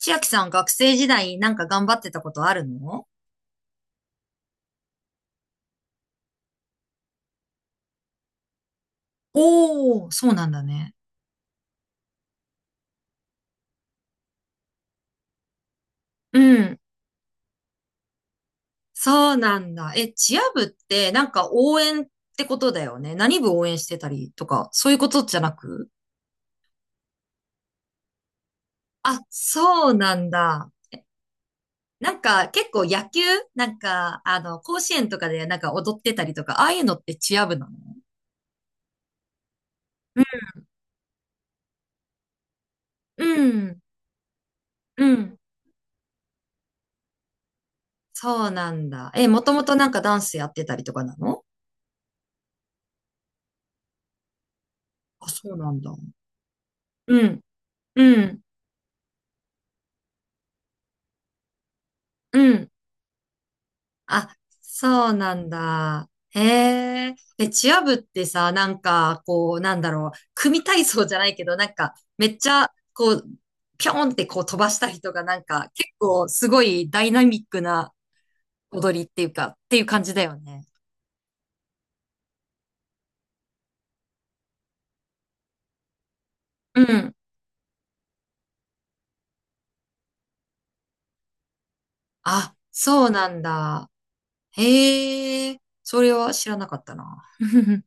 千秋さん、学生時代なんか頑張ってたことあるの？おー、そうなんだね。うん。そうなんだ。え、チア部ってなんか応援ってことだよね。何部応援してたりとか、そういうことじゃなく？あ、そうなんだ。なんか結構野球、なんか、あの、甲子園とかでなんか踊ってたりとか、ああいうのってチア部なの？うん、うん。うん。そうなんだ。え、もともとなんかダンスやってたりとかなの？あ、そうなんだ。うん、うん、うん。あ、そうなんだ。へえ。え、チア部ってさ、なんか、こう、なんだろう、組体操じゃないけど、なんか、めっちゃ、こう、ぴょんってこう飛ばしたりとか、なんか、結構すごいダイナミックな踊りっていうか、っていう感じだよね。うん。あ、そうなんだ。へえ。それは知らなかったな。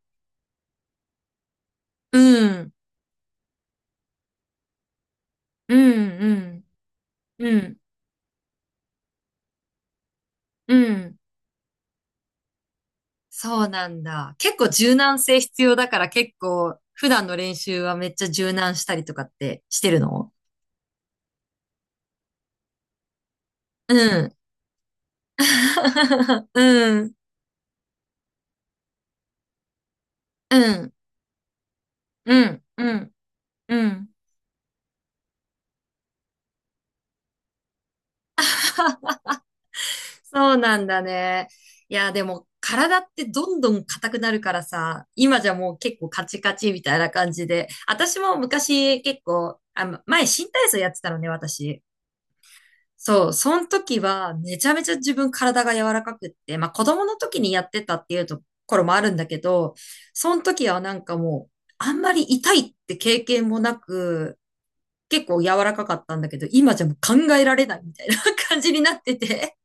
うん。うん、うん、うん、うん。そうなんだ。結構柔軟性必要だから結構普段の練習はめっちゃ柔軟したりとかってしてるの？うん。うん。うん。うん。うん。うん。そうなんだね。いや、でも体ってどんどん硬くなるからさ、今じゃもう結構カチカチみたいな感じで。私も昔結構、あ、前新体操やってたのね、私。そう、その時はめちゃめちゃ自分体が柔らかくって、まあ子供の時にやってたっていうところもあるんだけど、その時はなんかもうあんまり痛いって経験もなく、結構柔らかかったんだけど、今じゃもう考えられないみたいな 感じになってて。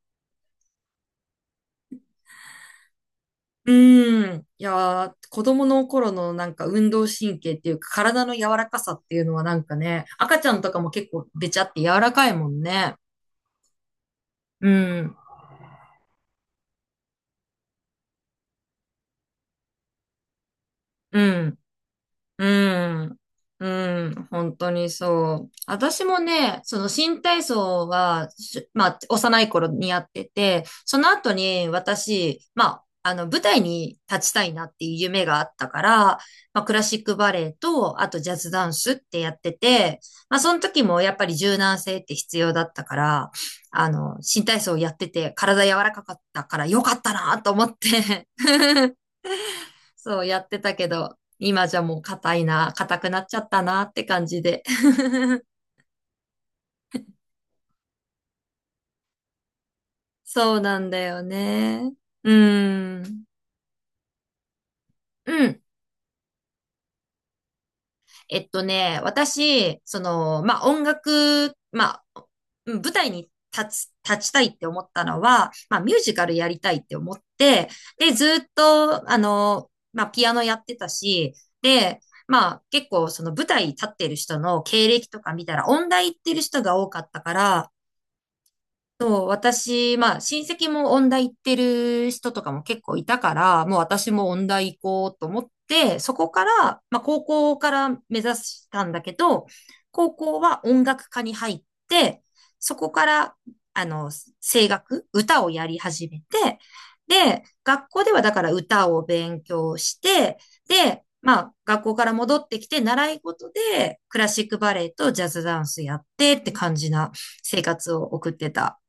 うーん。いやー、子供の頃のなんか運動神経っていうか体の柔らかさっていうのはなんかね、赤ちゃんとかも結構べちゃって柔らかいもんね。うん。うん。うん。うん。本当にそう。私もね、その新体操は、まあ、幼い頃にやってて、その後に私、まあ、あの、舞台に立ちたいなっていう夢があったから、まあ、クラシックバレエと、あとジャズダンスってやってて、まあ、その時もやっぱり柔軟性って必要だったから、あの、新体操をやってて、体柔らかかったから良かったなと思って そうやってたけど、今じゃもう硬くなっちゃったなって感じで。そうなんだよね。うん。うん。私、その、まあ、音楽、まあ、うん、舞台に立ちたいって思ったのは、まあ、ミュージカルやりたいって思って、で、ずっと、あの、まあ、ピアノやってたし、で、まあ、結構、その舞台立ってる人の経歴とか見たら、音大行ってる人が多かったから、そう、私、まあ、親戚も音大行ってる人とかも結構いたから、もう私も音大行こうと思って、そこから、まあ、高校から目指したんだけど、高校は音楽科に入って、そこから、あの、声楽、歌をやり始めて、で、学校ではだから歌を勉強して、で、まあ、学校から戻ってきて、習い事でクラシックバレエとジャズダンスやってって感じな生活を送ってた。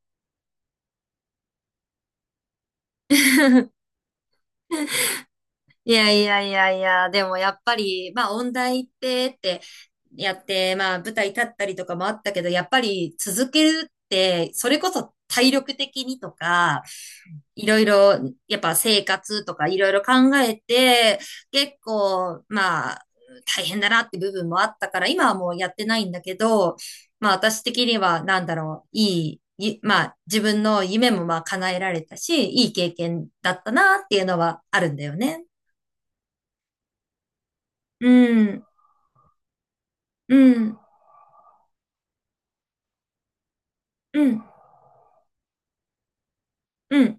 いやいやいやいや、でもやっぱり、まあ音大行ってってやって、まあ舞台立ったりとかもあったけど、やっぱり続けるって、それこそ体力的にとか、いろいろ、やっぱ生活とかいろいろ考えて、結構、まあ大変だなって部分もあったから、今はもうやってないんだけど、まあ私的にはなんだろう、いい、いまあ自分の夢もまあ叶えられたし、いい経験だったなっていうのはあるんだよね。うん、うん、うん、うん。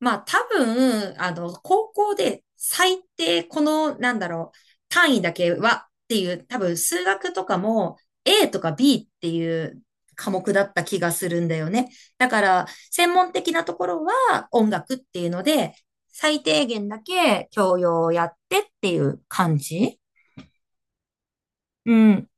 まあ多分、あの、高校で最低この、なんだろう、単位だけはっていう、多分数学とかも A とか B っていう科目だった気がするんだよね。だから、専門的なところは音楽っていうので、最低限だけ教養をやってっていう感じ。うん。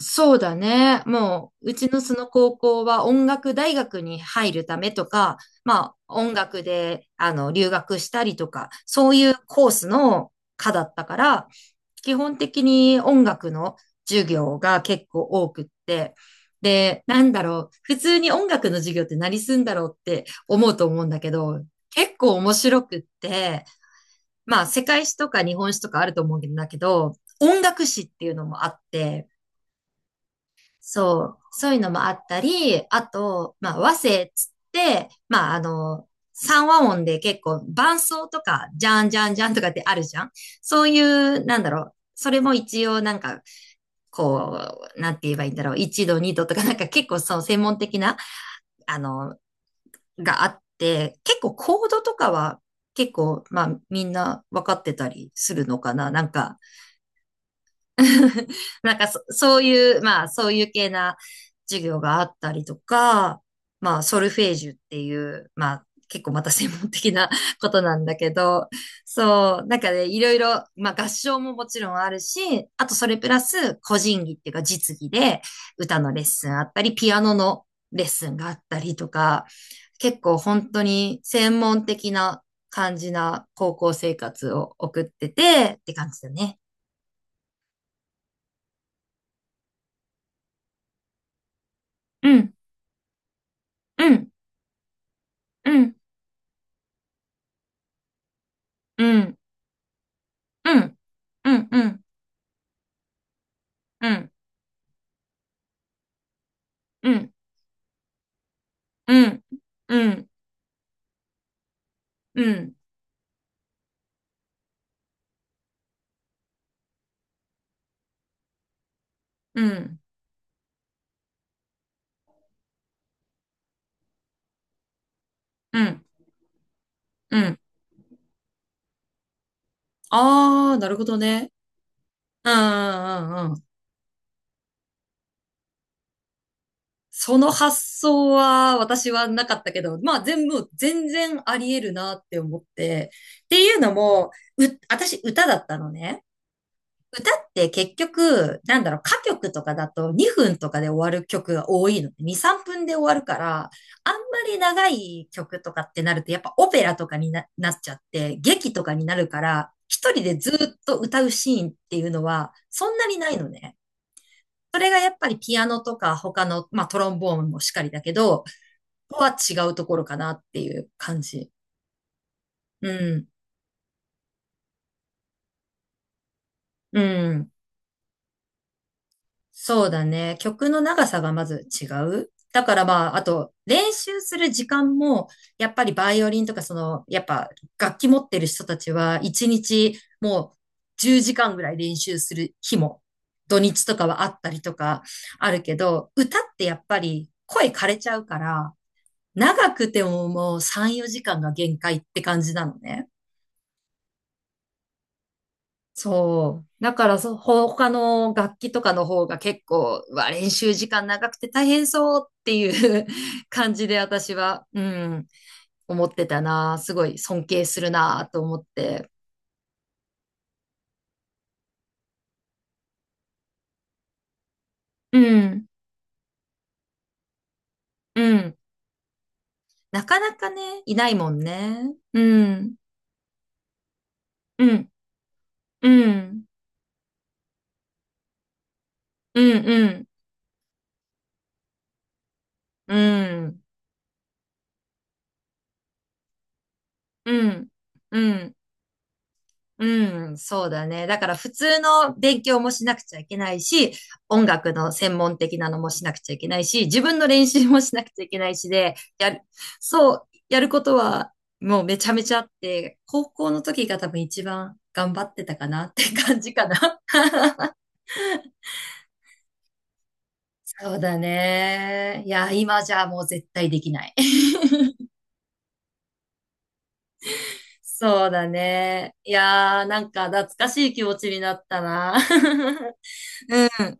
そうだね。もう、うちのその高校は音楽大学に入るためとか、まあ、音楽で、あの、留学したりとか、そういうコースの科だったから、基本的に音楽の授業が結構多くって、で、なんだろう、普通に音楽の授業って何すんだろうって思うと思うんだけど、結構面白くって、まあ、世界史とか日本史とかあると思うんだけど、音楽史っていうのもあって、そう、そういうのもあったり、あと、まあ、和声っつって、まあ、あの、三和音で結構伴奏とか、じゃんじゃんじゃんとかってあるじゃん。そういう、なんだろう。それも一応なんか、こう、なんて言えばいいんだろう。一度、二度とか、なんか結構その専門的な、あの、があって、結構コードとかは結構、まあみんな分かってたりするのかな。なんか、そういう、まあ、そういう系な授業があったりとか、まあ、ソルフェージュっていう、まあ、結構また専門的な ことなんだけど、そう、なんかね、いろいろ、まあ、合唱ももちろんあるし、あとそれプラス、個人技っていうか実技で、歌のレッスンあったり、ピアノのレッスンがあったりとか、結構本当に専門的な感じな高校生活を送っててって感じだね。うん、うん。うん、うん、うん、うん、うん、うん、うん、うん、うん、うん、うん、うん、うん。ああ、なるほどね。うん、うん、うん。その発想は私はなかったけど、まあ全部、全然あり得るなって思って。っていうのも、う、私歌だったのね。歌って結局、なんだろう、歌曲とかだと2分とかで終わる曲が多いのね。2、3分で終わるから、あんまり長い曲とかってなると、やっぱオペラとかになっちゃって、劇とかになるから、一人でずっと歌うシーンっていうのは、そんなにないのね。それがやっぱりピアノとか他の、まあトロンボーンもしかりだけど、ここは違うところかなっていう感じ。うん。うん。そうだね。曲の長さがまず違う。だからまあ、あと、練習する時間も、やっぱりバイオリンとか、その、やっぱ楽器持ってる人たちは、一日もう10時間ぐらい練習する日も、土日とかはあったりとかあるけど、歌ってやっぱり声枯れちゃうから、長くてももう3、4時間が限界って感じなのね。そう。だからそ、他の楽器とかの方が結構、うわ、練習時間長くて大変そうっていう 感じで私は、うん、思ってたな。すごい尊敬するなと思って。うん、うん。なかなかね、いないもんね。うん、うん、うん、うん、うん、うん、うん、うん。うん、そうだね。だから普通の勉強もしなくちゃいけないし、音楽の専門的なのもしなくちゃいけないし、自分の練習もしなくちゃいけないしで、そう、やることはもうめちゃめちゃあって、高校の時が多分一番頑張ってたかなって感じかな。そうだね。いや、今じゃもう絶対できない。そうだね。いやー、なんか懐かしい気持ちになったな。うん。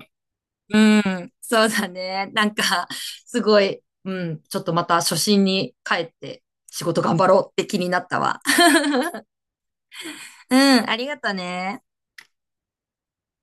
うん、そうだね。なんか、すごい、うん、ちょっとまた初心に帰って仕事頑張ろうって気になったわ。うん、ありがとね。